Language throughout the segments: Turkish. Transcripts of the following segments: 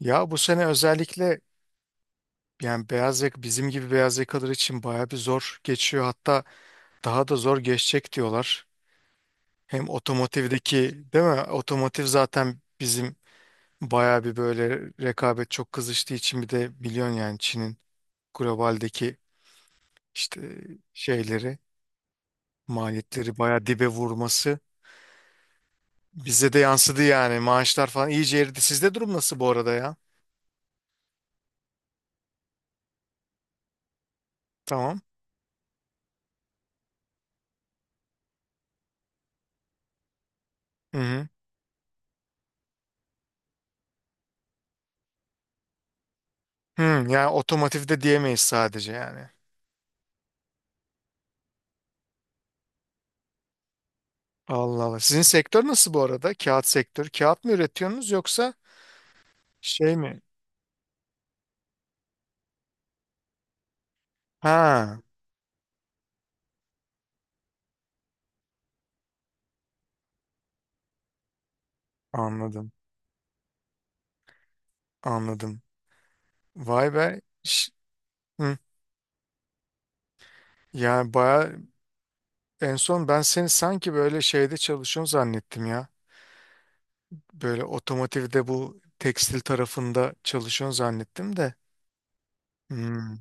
Ya bu sene özellikle yani beyaz yaka bizim gibi beyaz yakalar için baya bir zor geçiyor. Hatta daha da zor geçecek diyorlar. Hem otomotivdeki değil mi? Otomotiv zaten bizim baya bir böyle rekabet çok kızıştığı için bir de biliyorsun yani Çin'in globaldeki işte şeyleri maliyetleri baya dibe vurması bize de yansıdı yani maaşlar falan iyice eridi. Sizde durum nasıl bu arada ya? Tamam. Hı hı. Hı, yani otomotivde diyemeyiz sadece yani. Allah Allah. Sizin sektör nasıl bu arada? Kağıt sektörü. Kağıt mı üretiyorsunuz yoksa şey mi? Ha, anladım. Anladım. Vay be. Hı. Yani baya en son ben seni sanki böyle şeyde çalışıyorsun zannettim ya. Böyle otomotivde bu tekstil tarafında çalışıyorsun zannettim de. Hmm.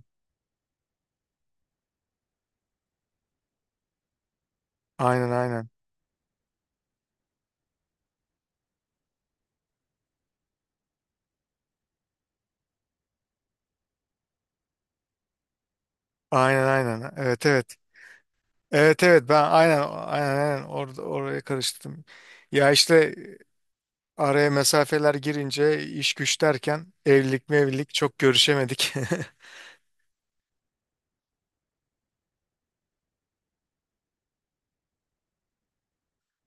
Aynen aynen. Aynen aynen. Evet evet. Evet evet ben aynen orada oraya karıştırdım. Ya işte araya mesafeler girince iş güç derken evlilik mevlilik çok görüşemedik.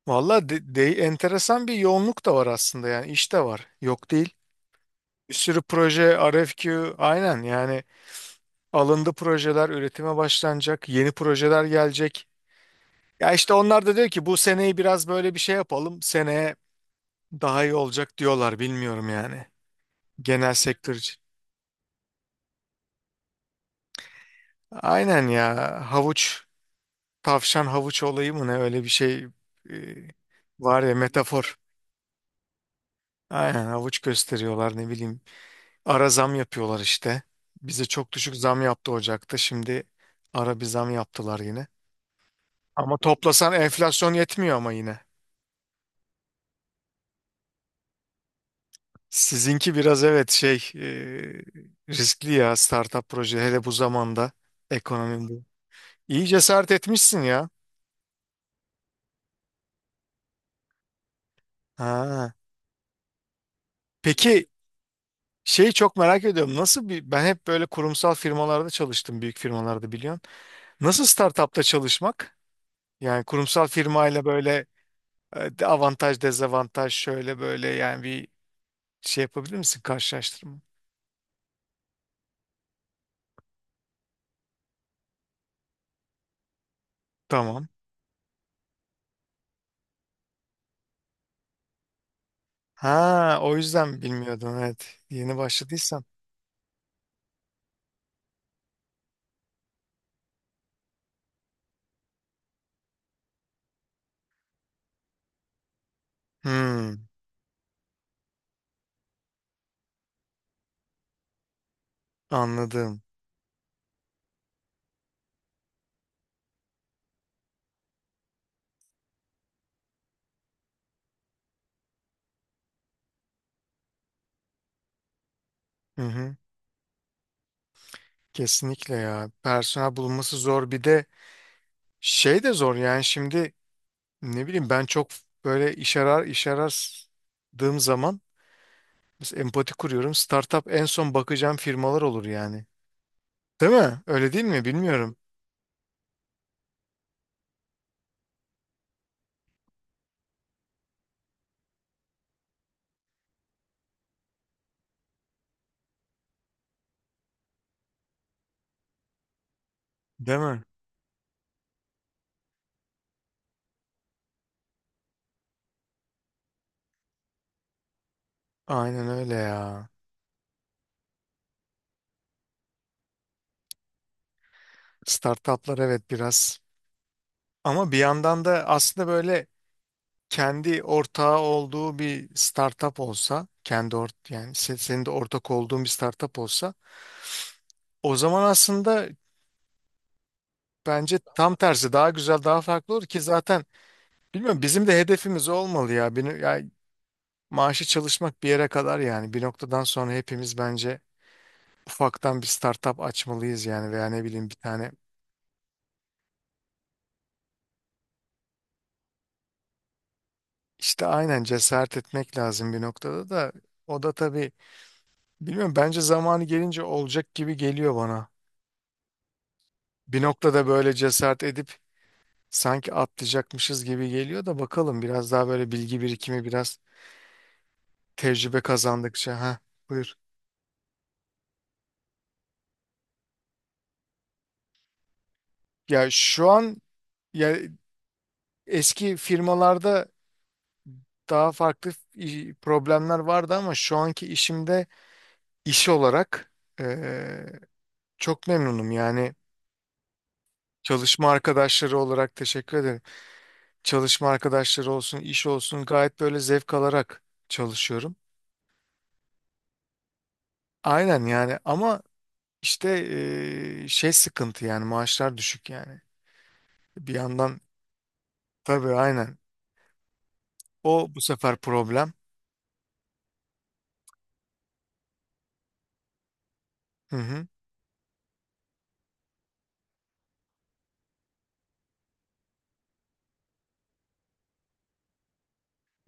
Valla enteresan bir yoğunluk da var aslında yani iş de var yok değil. Bir sürü proje RFQ aynen yani alındı projeler üretime başlanacak yeni projeler gelecek. Ya işte onlar da diyor ki bu seneyi biraz böyle bir şey yapalım seneye daha iyi olacak diyorlar bilmiyorum yani genel sektör için. Aynen ya, havuç. Tavşan havuç olayı mı ne öyle bir şey e, var ya, metafor. Aynen havuç gösteriyorlar ne bileyim. Ara zam yapıyorlar işte. Bize çok düşük zam yaptı Ocak'ta. Şimdi ara bir zam yaptılar yine. Ama toplasan enflasyon yetmiyor ama yine. Sizinki biraz evet şey riskli ya, startup proje hele bu zamanda ekonomi bu. İyi cesaret etmişsin ya. Ha. Peki şeyi çok merak ediyorum. Nasıl bir, ben hep böyle kurumsal firmalarda çalıştım, büyük firmalarda biliyorsun. Nasıl startupta çalışmak? Yani kurumsal firmayla böyle avantaj dezavantaj şöyle böyle yani bir şey yapabilir misin, karşılaştırma? Tamam. Ha, o yüzden bilmiyordun, evet. Yeni başladıysan. Hmm, anladım. Hı hı. Kesinlikle ya. Personel bulunması zor, bir de şey de zor yani şimdi ne bileyim, ben çok böyle iş arar, iş aradığım zaman mesela empati kuruyorum. Startup en son bakacağım firmalar olur yani. Değil mi? Öyle değil mi? Bilmiyorum. Değil mi? Aynen öyle ya. Startuplar evet biraz. Ama bir yandan da aslında böyle kendi ortağı olduğu bir startup olsa, kendi ort yani senin de ortak olduğun bir startup olsa, o zaman aslında bence tam tersi daha güzel, daha farklı olur ki zaten bilmiyorum bizim de hedefimiz o olmalı ya. Bir, ya maaşı çalışmak bir yere kadar yani bir noktadan sonra hepimiz bence ufaktan bir startup açmalıyız yani veya ne bileyim bir tane. İşte aynen, cesaret etmek lazım bir noktada da. O da tabii bilmiyorum, bence zamanı gelince olacak gibi geliyor bana. Bir noktada böyle cesaret edip sanki atlayacakmışız gibi geliyor da bakalım, biraz daha böyle bilgi birikimi, biraz tecrübe kazandıkça. Ha, buyur. Ya şu an ya eski firmalarda daha farklı problemler vardı ama şu anki işimde iş olarak eee, çok memnunum yani, çalışma arkadaşları olarak teşekkür ederim. Çalışma arkadaşları olsun, iş olsun gayet böyle zevk alarak çalışıyorum. Aynen yani ama işte şey sıkıntı yani maaşlar düşük yani. Bir yandan tabii aynen. O bu sefer problem. Hı hı.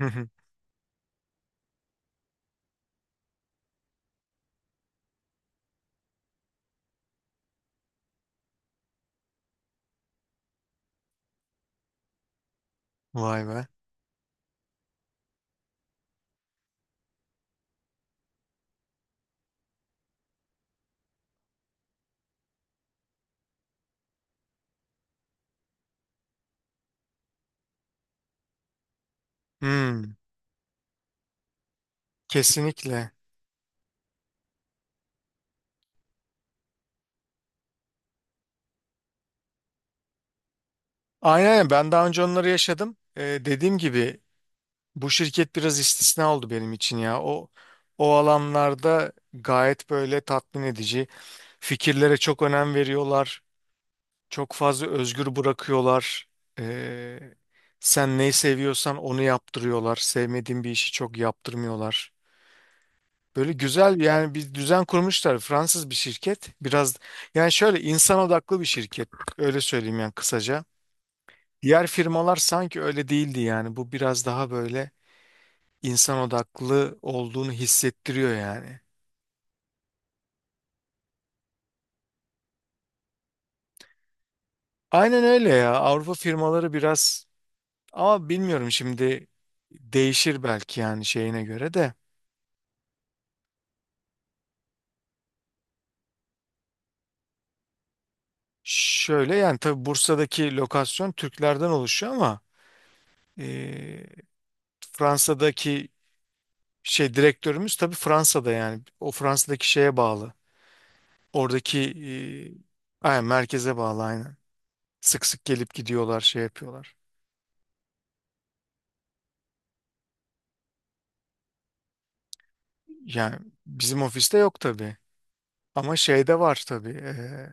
Hı hı. Vay be. Hmm, kesinlikle. Aynen aynen. Ben daha önce onları yaşadım. Dediğim gibi bu şirket biraz istisna oldu benim için ya. O alanlarda gayet böyle tatmin edici. Fikirlere çok önem veriyorlar. Çok fazla özgür bırakıyorlar. Ee, sen neyi seviyorsan onu yaptırıyorlar. Sevmediğin bir işi çok yaptırmıyorlar. Böyle güzel yani bir düzen kurmuşlar. Fransız bir şirket. Biraz yani şöyle insan odaklı bir şirket. Öyle söyleyeyim yani kısaca. Diğer firmalar sanki öyle değildi yani. Bu biraz daha böyle insan odaklı olduğunu hissettiriyor yani. Aynen öyle ya. Avrupa firmaları biraz, ama bilmiyorum şimdi değişir belki yani şeyine göre de. Şöyle yani, tabii Bursa'daki lokasyon Türklerden oluşuyor ama e, Fransa'daki şey direktörümüz tabii Fransa'da, yani o Fransa'daki şeye bağlı. Oradaki aynen, merkeze bağlı aynen. Sık sık gelip gidiyorlar, şey yapıyorlar. Yani bizim ofiste yok tabii ama şeyde var tabii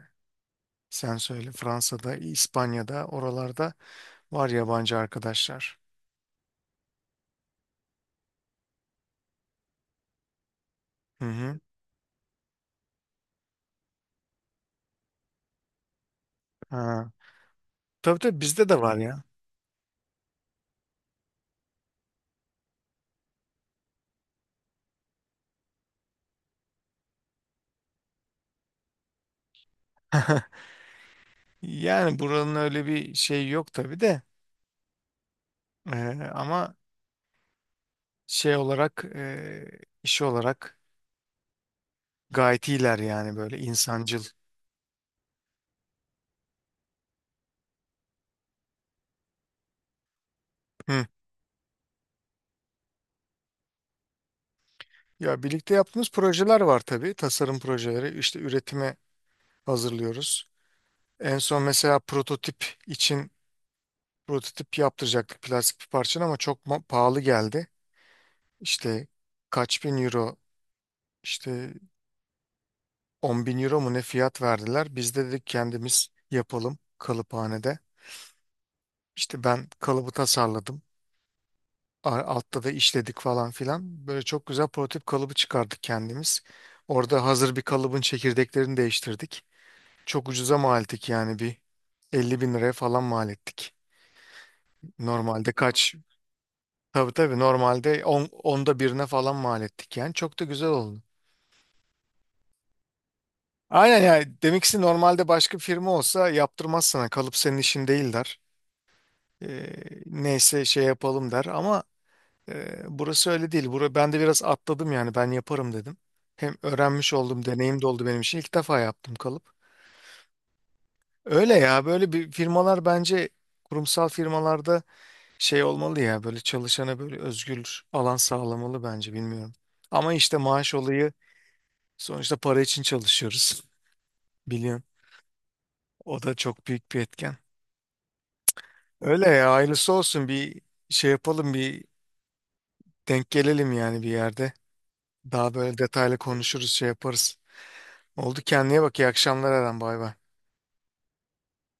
sen söyle, Fransa'da, İspanya'da oralarda var yabancı arkadaşlar. Hı hı. Ha. Tabii tabii bizde de var ya. Yani buranın öyle bir şey yok tabii de ama şey olarak iş olarak gayet iyiler yani, böyle insancıl. Hı. Ya birlikte yaptığımız projeler var tabii, tasarım projeleri işte üretime hazırlıyoruz. En son mesela prototip için prototip yaptıracaktık plastik bir parçanın ama çok pahalı geldi. İşte kaç bin euro işte 10 bin euro mu ne fiyat verdiler, biz de dedik kendimiz yapalım kalıphanede. İşte ben kalıbı tasarladım. Altta da işledik falan filan. Böyle çok güzel prototip kalıbı çıkardık kendimiz. Orada hazır bir kalıbın çekirdeklerini değiştirdik. Çok ucuza mal ettik yani, bir 50 bin liraya falan mal ettik. Normalde kaç? Tabii tabii, normalde 10, onda birine falan mal ettik yani. Çok da güzel oldu. Aynen yani, demek ki normalde başka bir firma olsa yaptırmaz sana. Kalıp senin işin değil der. Ee, neyse şey yapalım der ama burası öyle değil. Bura, ben de biraz atladım yani, ben yaparım dedim. Hem öğrenmiş oldum, deneyim de oldu benim için. İlk defa yaptım kalıp. Öyle ya, böyle bir firmalar bence, kurumsal firmalarda şey olmalı ya, böyle çalışana böyle özgür alan sağlamalı bence, bilmiyorum. Ama işte maaş olayı, sonuçta para için çalışıyoruz. Biliyorsun. O da çok büyük bir etken. Öyle ya, hayırlısı olsun, bir şey yapalım, bir denk gelelim yani bir yerde. Daha böyle detaylı konuşuruz, şey yaparız. Oldu, kendine bak, iyi akşamlar Eren, bay bay.